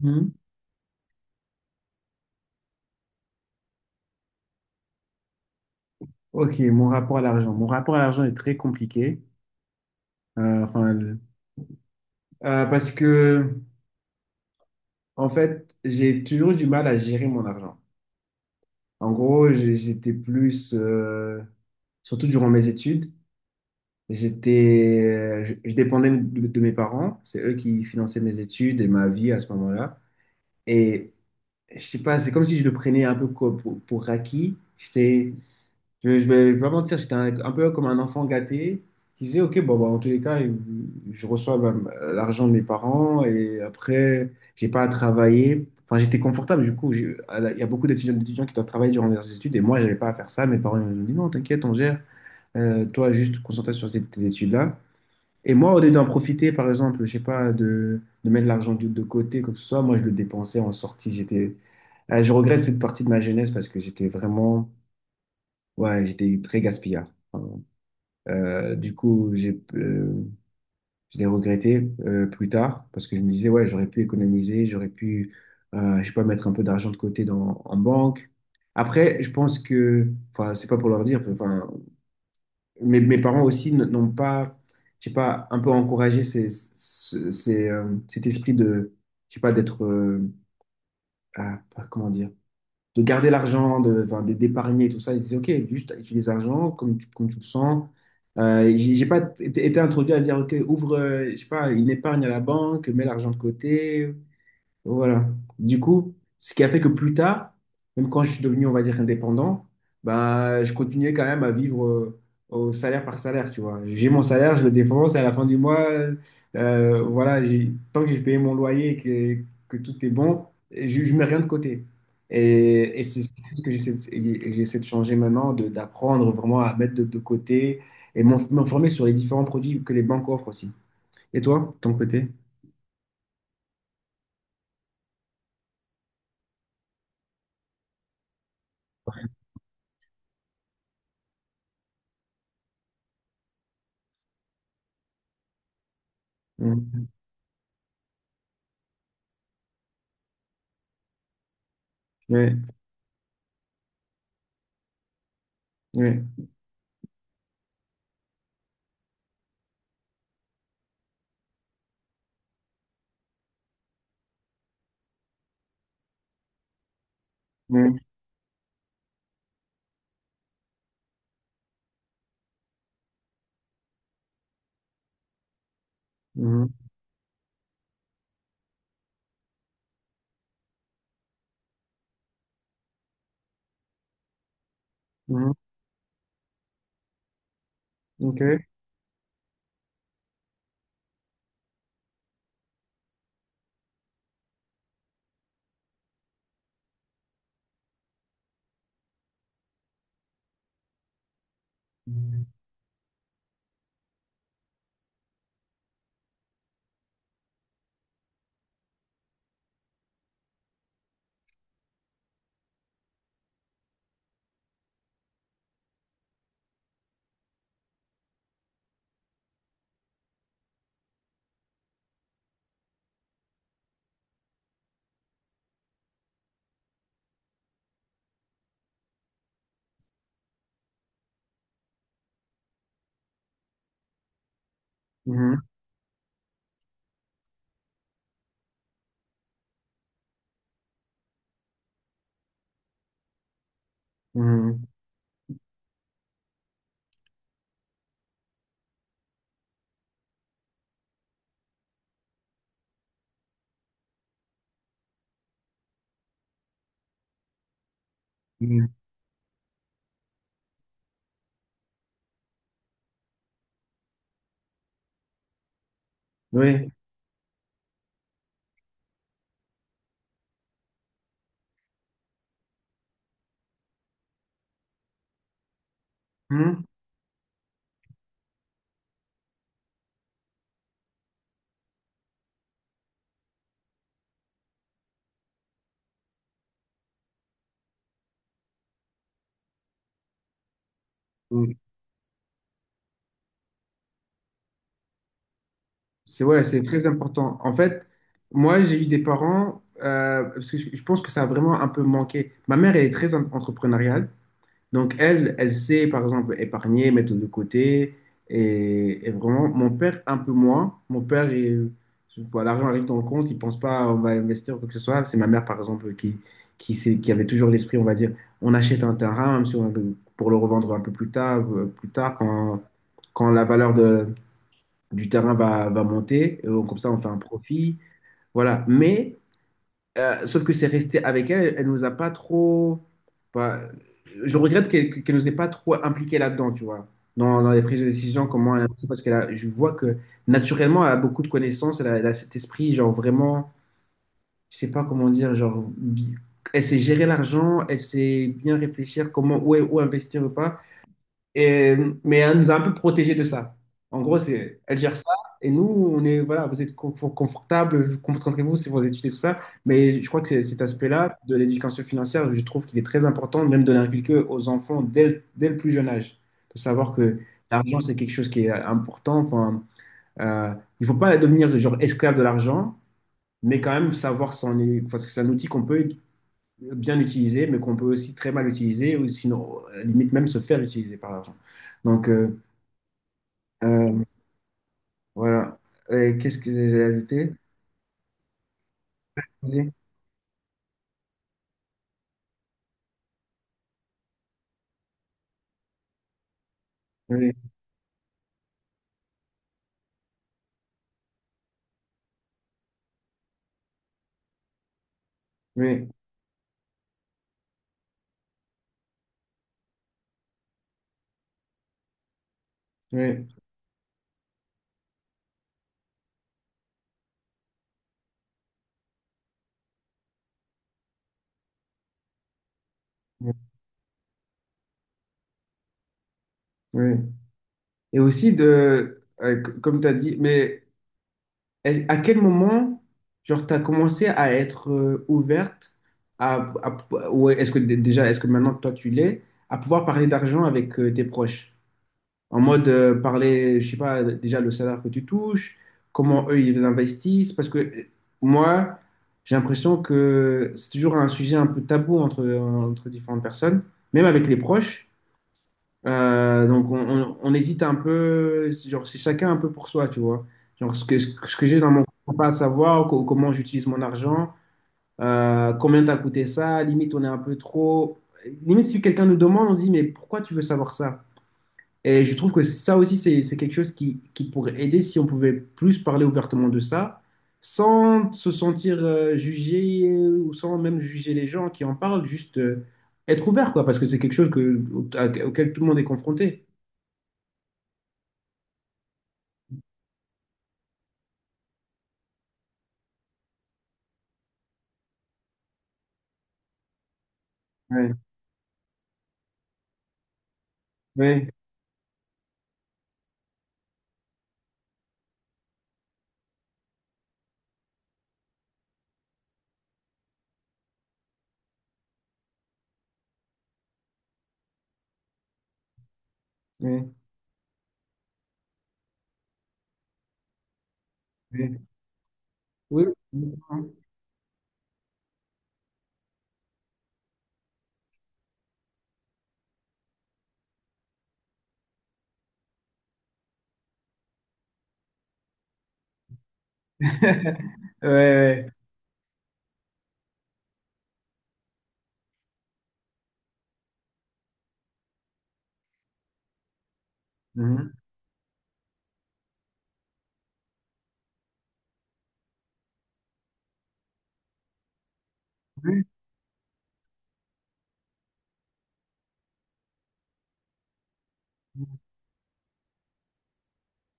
Hmm. Ok, mon rapport à l'argent. Mon rapport à l'argent est très compliqué. Euh, enfin, le- euh, parce que, En fait, j'ai toujours eu du mal à gérer mon argent. En gros, j'étais plus, surtout durant mes études, je dépendais de mes parents. C'est eux qui finançaient mes études et ma vie à ce moment-là. Et je sais pas, c'est comme si je le prenais un peu pour acquis. Je vais pas mentir, j'étais un peu comme un enfant gâté qui disait, OK, bon, bah, en tous les cas, je reçois bah, l'argent de mes parents et après, j'ai pas à travailler. Enfin, j'étais confortable, du coup, il y a beaucoup d'étudiants qui doivent travailler durant leurs études et moi, j'avais pas à faire ça. Mes parents ils m'ont dit, non, t'inquiète, on gère. Toi, juste concentre-toi sur tes études-là. Et moi, au lieu d'en profiter, par exemple, je sais pas, de mettre l'argent de côté, quoi que ce soit, moi, je le dépensais en sortie. Je regrette cette partie de ma jeunesse parce que j'étais vraiment, ouais, j'étais très gaspillard. Euh, du coup, j'ai, euh, je l'ai regretté plus tard parce que je me disais, ouais, j'aurais pu économiser, je sais pas, mettre un peu d'argent de côté en banque. Après, je pense que, enfin, c'est pas pour leur dire, enfin, mes parents aussi n'ont pas, je sais pas, un peu encouragé cet esprit de, je sais pas, ah, comment dire de garder l'argent, enfin, d'épargner, tout ça. Ils disaient, OK, juste utilise l'argent comme tu le sens. J'ai pas été introduit à dire, OK, ouvre, je sais pas, une épargne à la banque, mets l'argent de côté. Voilà. Du coup, ce qui a fait que plus tard, même quand je suis devenu, on va dire, indépendant, bah, je continuais quand même à vivre au salaire par salaire, tu vois. J'ai mon salaire, je le défonce, et à la fin du mois, voilà, tant que j'ai payé mon loyer et que tout est bon, je mets rien de côté. Et c'est ce que et j'essaie de changer maintenant, d'apprendre vraiment à mettre de côté et m'informer sur les différents produits que les banques offrent aussi. Et toi, de ton côté? Mm. Ouais, ouais, ouais. Mhm. Mhm. Ok. Mhm. Mhm. Mhm. Mhm. Oui. Mhm. Mhm. C'est ouais, c'est très important. En fait, moi, j'ai eu des parents, parce que je pense que ça a vraiment un peu manqué. Ma mère, elle est très entrepreneuriale. Donc, elle, elle sait, par exemple, épargner, mettre de côté. Et vraiment, mon père, un peu moins. Mon père, bon, l'argent arrive dans le compte, il ne pense pas on va investir ou quoi que ce soit. C'est ma mère, par exemple, qui avait toujours l'esprit, on va dire, on achète un terrain, même si on- pour le revendre un peu plus tard, plus tard quand, quand la valeur du terrain va monter. Et donc, comme ça, on fait un profit. Voilà. Mais sauf que c'est resté avec elle, elle nous a pas trop. Bah, je regrette qu'elle nous ait pas trop impliqué là-dedans, tu vois, dans les prises de décision, comment elle parce que là, je vois que naturellement, elle a beaucoup de connaissances, elle a cet esprit, genre vraiment, je sais pas comment dire, elle sait gérer l'argent, elle sait bien réfléchir comment où, où investir ou pas. Et, mais elle nous a un peu protégés de ça. En gros, c'est, elle gère ça. Et nous, on est, voilà, vous êtes confortable, concentrez-vous sur vos études et tout ça. Mais je crois que cet aspect-là de l'éducation financière, je trouve qu'il est très important, même de l'inculquer aux enfants dès le plus jeune âge. De savoir que l'argent, c'est quelque chose qui est important. Enfin, euh, il ne faut pas devenir genre esclave de l'argent, mais quand même savoir parce que c'est un outil qu'on peut bien utiliser, mais qu'on peut aussi très mal utiliser, ou sinon, limite même se faire utiliser par l'argent. Donc, euh, voilà. Et qu'est-ce que j'ai ajouté? Oui, oui, oui, oui, oui. Oui. Et aussi de, comme tu as dit, mais à quel moment, genre, tu as commencé à être ouverte ou est-ce que déjà, est-ce que maintenant, toi, tu l'es, à pouvoir parler d'argent avec tes proches? En mode, parler, je sais pas, déjà le salaire que tu touches, comment eux ils investissent, parce que moi, j'ai l'impression que c'est toujours un sujet un peu tabou entre, entre différentes personnes, même avec les proches. Donc on hésite un peu, c'est genre c'est chacun un peu pour soi, tu vois. Genre ce que j'ai dans mon compte, pas à savoir, comment j'utilise mon argent, combien t'as coûté ça, limite on est un peu trop. Limite si quelqu'un nous demande, on se dit mais pourquoi tu veux savoir ça? Et je trouve que ça aussi, c'est quelque chose qui pourrait aider si on pouvait plus parler ouvertement de ça, sans se sentir jugé ou sans même juger les gens qui en parlent, juste être ouvert, quoi, parce que c'est quelque chose que, auquel tout le monde est confronté. Ouais, ouais, ouais, ouais. Oui. Ouais, ouais. Mhm. Oui,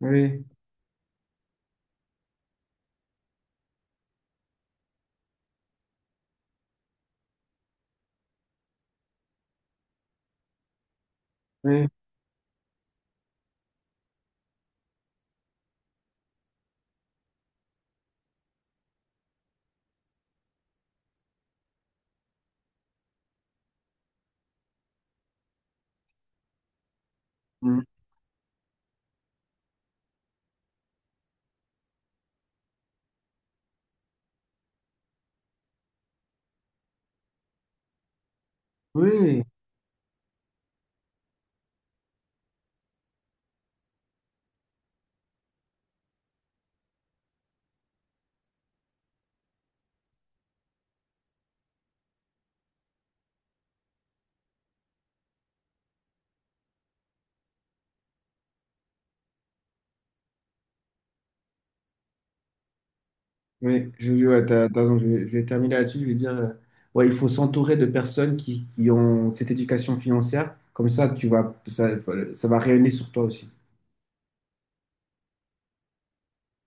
oui, oui. Mhm. Oui. Oui, ouais, t'as raison, je vais terminer là-dessus. Je vais dire, ouais, il faut s'entourer de personnes qui ont cette éducation financière. Comme ça, tu vas, ça va rayonner sur toi aussi.